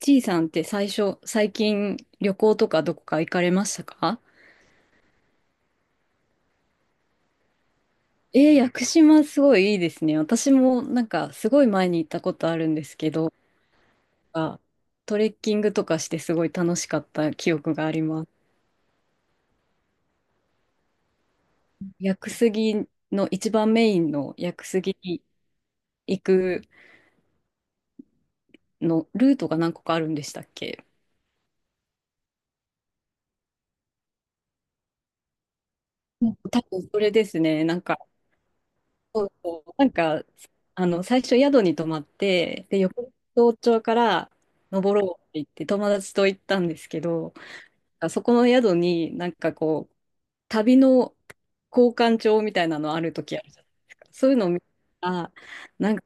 ちいさんって最近旅行とかどこか行かれましたか？屋久島すごいいいですね。私もなんかすごい前に行ったことあるんですけど、あトレッキングとかしてすごい楽しかった記憶があります。屋久杉の一番メインの屋久杉に行くのルートが何個かあるんでしたっけ？うん、多分それですね。なんかそうそう、なんか、最初宿に泊まって、で、横町町から登ろうって言って友達と行ったんですけど、そこの宿になんかこう、旅の交換帳みたいなのある時あるじゃないですか。そういうのを見たら、なんか、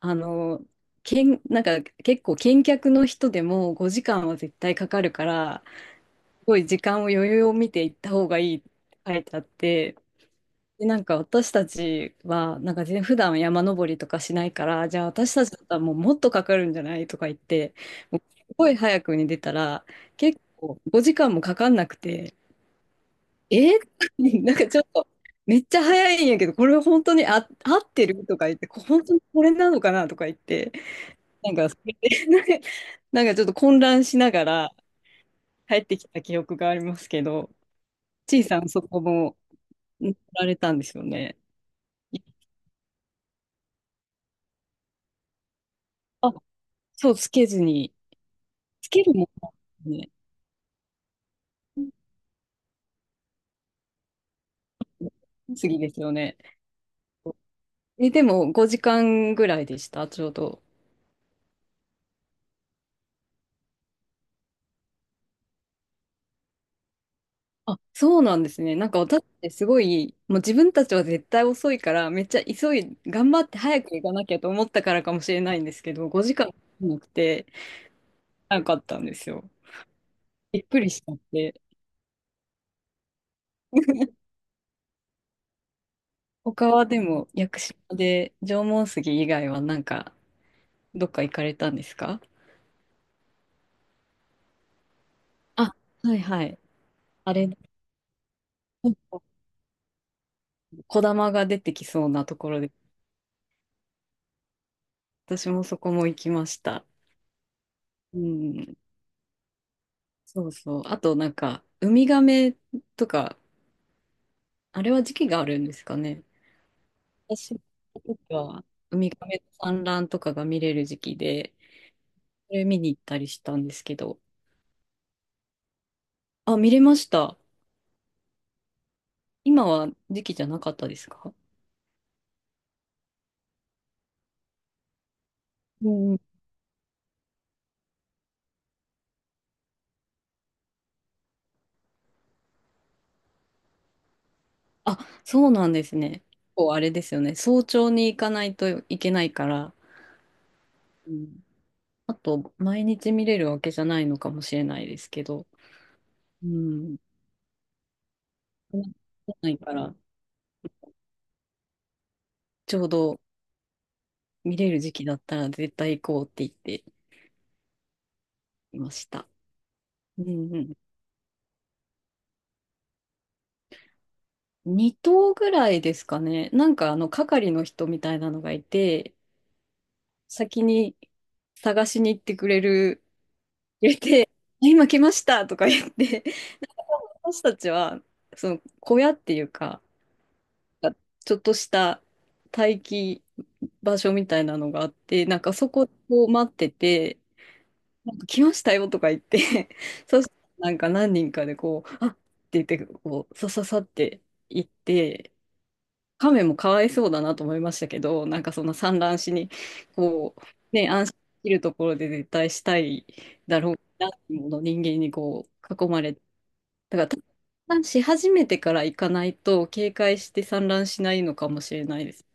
あの、結構見客の人でも5時間は絶対かかるから、すごい時間を余裕を見て行った方がいいって書いてあって、で、なんか私たちは、なんか普段山登りとかしないから、じゃあ私たちだったらもうもっとかかるんじゃないとか言って、もうすごい早くに出たら、結構5時間もかかんなくて、えー なんかちょっと、めっちゃ早いんやけど、これ本当に合ってるとか言って、本当にこれなのかなとか言って、なんかそれで、なんかちょっと混乱しながら帰ってきた記憶がありますけど、ちいさんそこも乗られたんですよね。あ、そう、つけずに。つけるもんね。次ですよね。え、でも5時間ぐらいでした、ちょうど。あ、そうなんですね。なんか私ってすごい、もう自分たちは絶対遅いから、めっちゃ急い、頑張って早く行かなきゃと思ったからかもしれないんですけど、5時間なくて、なかったんですよ。びっくりしちゃって。他はでも、屋久島で縄文杉以外はなんか、どっか行かれたんですか？あ、はいはい。あれ、小玉が出てきそうなところで。私もそこも行きました。うん。そうそう。あとなんか、ウミガメとか、あれは時期があるんですかね。私の時は、ウミガメの産卵とかが見れる時期で、それ見に行ったりしたんですけど。あ、見れました。今は時期じゃなかったですか？うんうん。あ、そうなんですね。こうあれですよね。早朝に行かないといけないから、うん、あと、毎日見れるわけじゃないのかもしれないですけど。うん。ないから。ちょうど見れる時期だったら絶対行こうって言っていました。うんうん。2頭ぐらいですかね。なんかあの係の人みたいなのがいて、先に探しに行ってくれる、入れて、今来ましたとか言って、私たちはその小屋っていうか、ちょっとした待機場所みたいなのがあって、なんかそこを待ってて、なんか来ましたよとか言って そしたらなんか何人かでこう、あっって言って、こう、さささって行って、亀もかわいそうだなと思いましたけど、なんかそんな産卵しに、こう、ね、安心できるところで絶対したいだろうなっていうもの人間にこう、囲まれて、だから、産卵し始めてから行かないと、警戒して産卵しないのかもしれないです。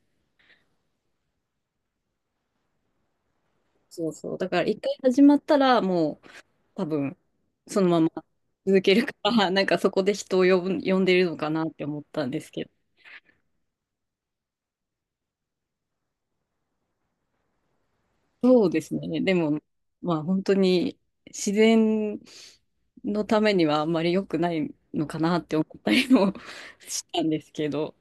そうそう。だから一回始まったら、もう、多分、そのまま続けるから、なんかそこで人を呼んでるのかなって思ったんですけど。そうですね。でも、まあ本当に自然のためにはあんまり良くないのかなって思ったりも したんですけど。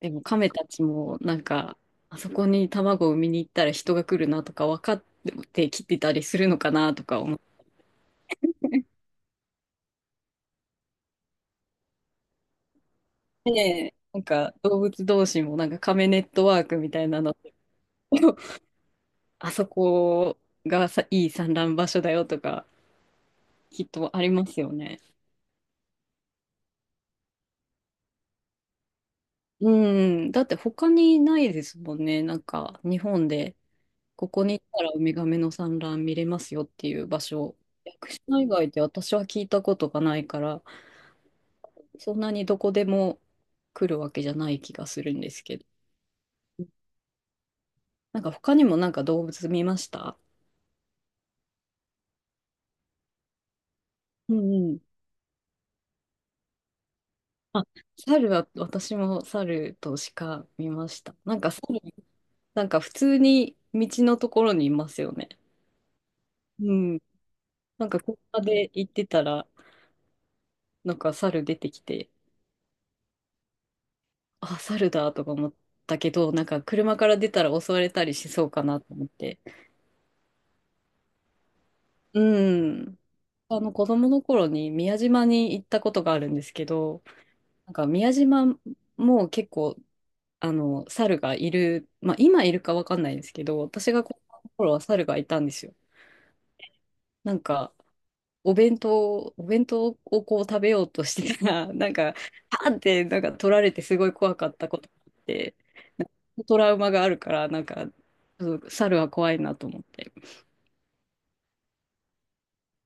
でも亀たちもなんか、あそこに卵を産みに行ったら人が来るなとか分かってきてたりするのかなとか思って、なんか動物同士もなんか亀ネットワークみたいなの あそこがさ、いい産卵場所だよとか、きっとありますよね。うん、だって他にないですもんね。なんか、日本で、ここに行ったらウミガメの産卵見れますよっていう場所。屋久島以外で私は聞いたことがないから、そんなにどこでも来るわけじゃない気がするんですけど。なんか他にもなんか動物見ました？うんうん。あ、猿は、私も猿と鹿見ました。なんか猿なんか普通に道のところにいますよね。うん。なんか車で行ってたら、なんか猿出てきて、あ、猿だとか思ったけど、なんか車から出たら襲われたりしそうかなと思って。うん。あの子供の頃に宮島に行ったことがあるんですけど、なんか宮島も結構、猿がいる、まあ今いるかわかんないですけど、私が子供の頃は猿がいたんですよ。なんか、お弁当をこう食べようとしてたら、なんか、パーンってなんか取られてすごい怖かったことがあって、なんかトラウマがあるから、なんか、ちょっと猿は怖いなと思って。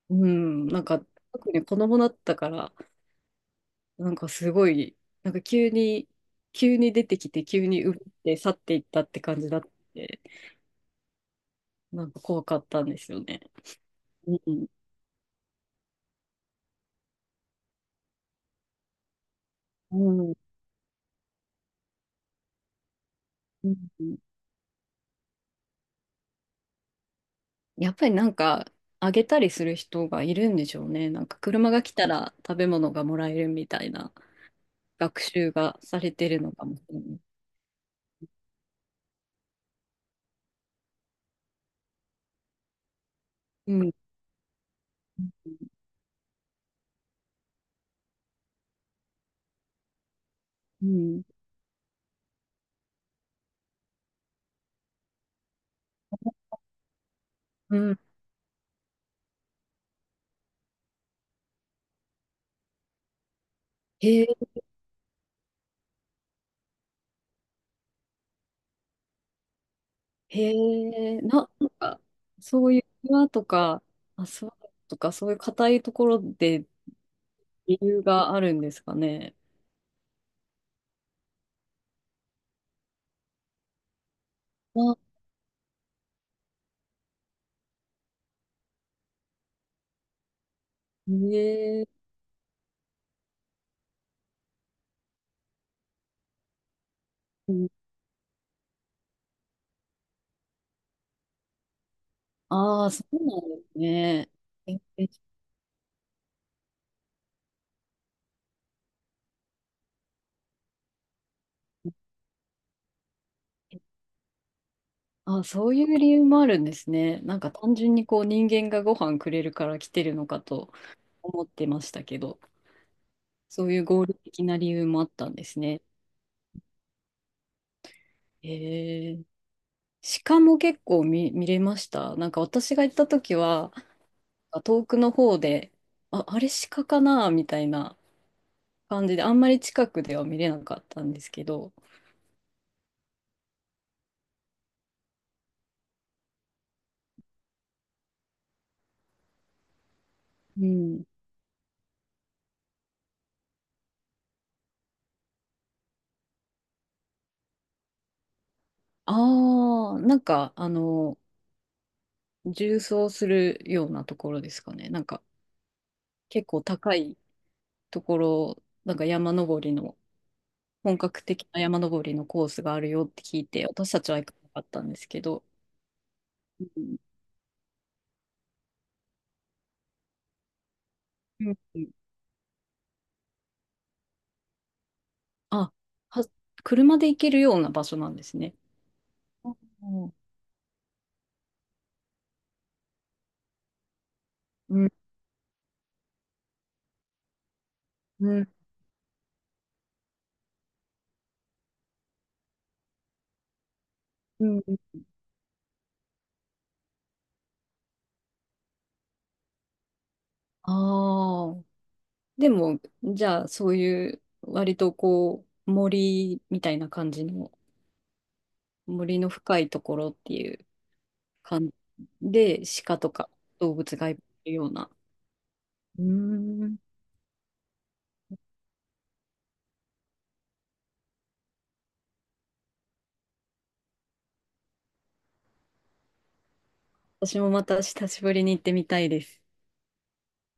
うん、なんか、特に子供だったから、なんかすごい、なんか急に出てきて、急に奪って去っていったって感じだって、なんか怖かったんですよね。うん。うん。うん。やっぱりなんか、あげたりする人がいるんでしょうね。なんか車が来たら食べ物がもらえるみたいな学習がされてるのかもしれない。うん。うん。うん。へえ、へえ、なんか、そういう庭とか、あ、そうとか、そういう硬いところで理由があるんですかね。あ、へえ、ああー、そうなんですね。え、えあ、そういう理由もあるんですね。なんか単純にこう人間がご飯くれるから来てるのかと思ってましたけど、そういう合理的な理由もあったんですね。へえ。鹿も結構見れました。なんか私が行った時は、遠くの方で、あ、あれ鹿かなみたいな感じで、あんまり近くでは見れなかったんですけど、うん。ああ、なんか縦走するようなところですかね。なんか結構高いところ、なんか山登りの、本格的な山登りのコースがあるよって聞いて、私たちは行かなかったんですけど、うんうんうん、あ、は、車で行けるような場所なんですね。うんうんうんうん、ああ、でも、じゃあ、そういう、割とこう、森みたいな感じの、森の深いところっていう感じで、鹿とか動物がいるような。うーん、私もまた久しぶりに行ってみたいです。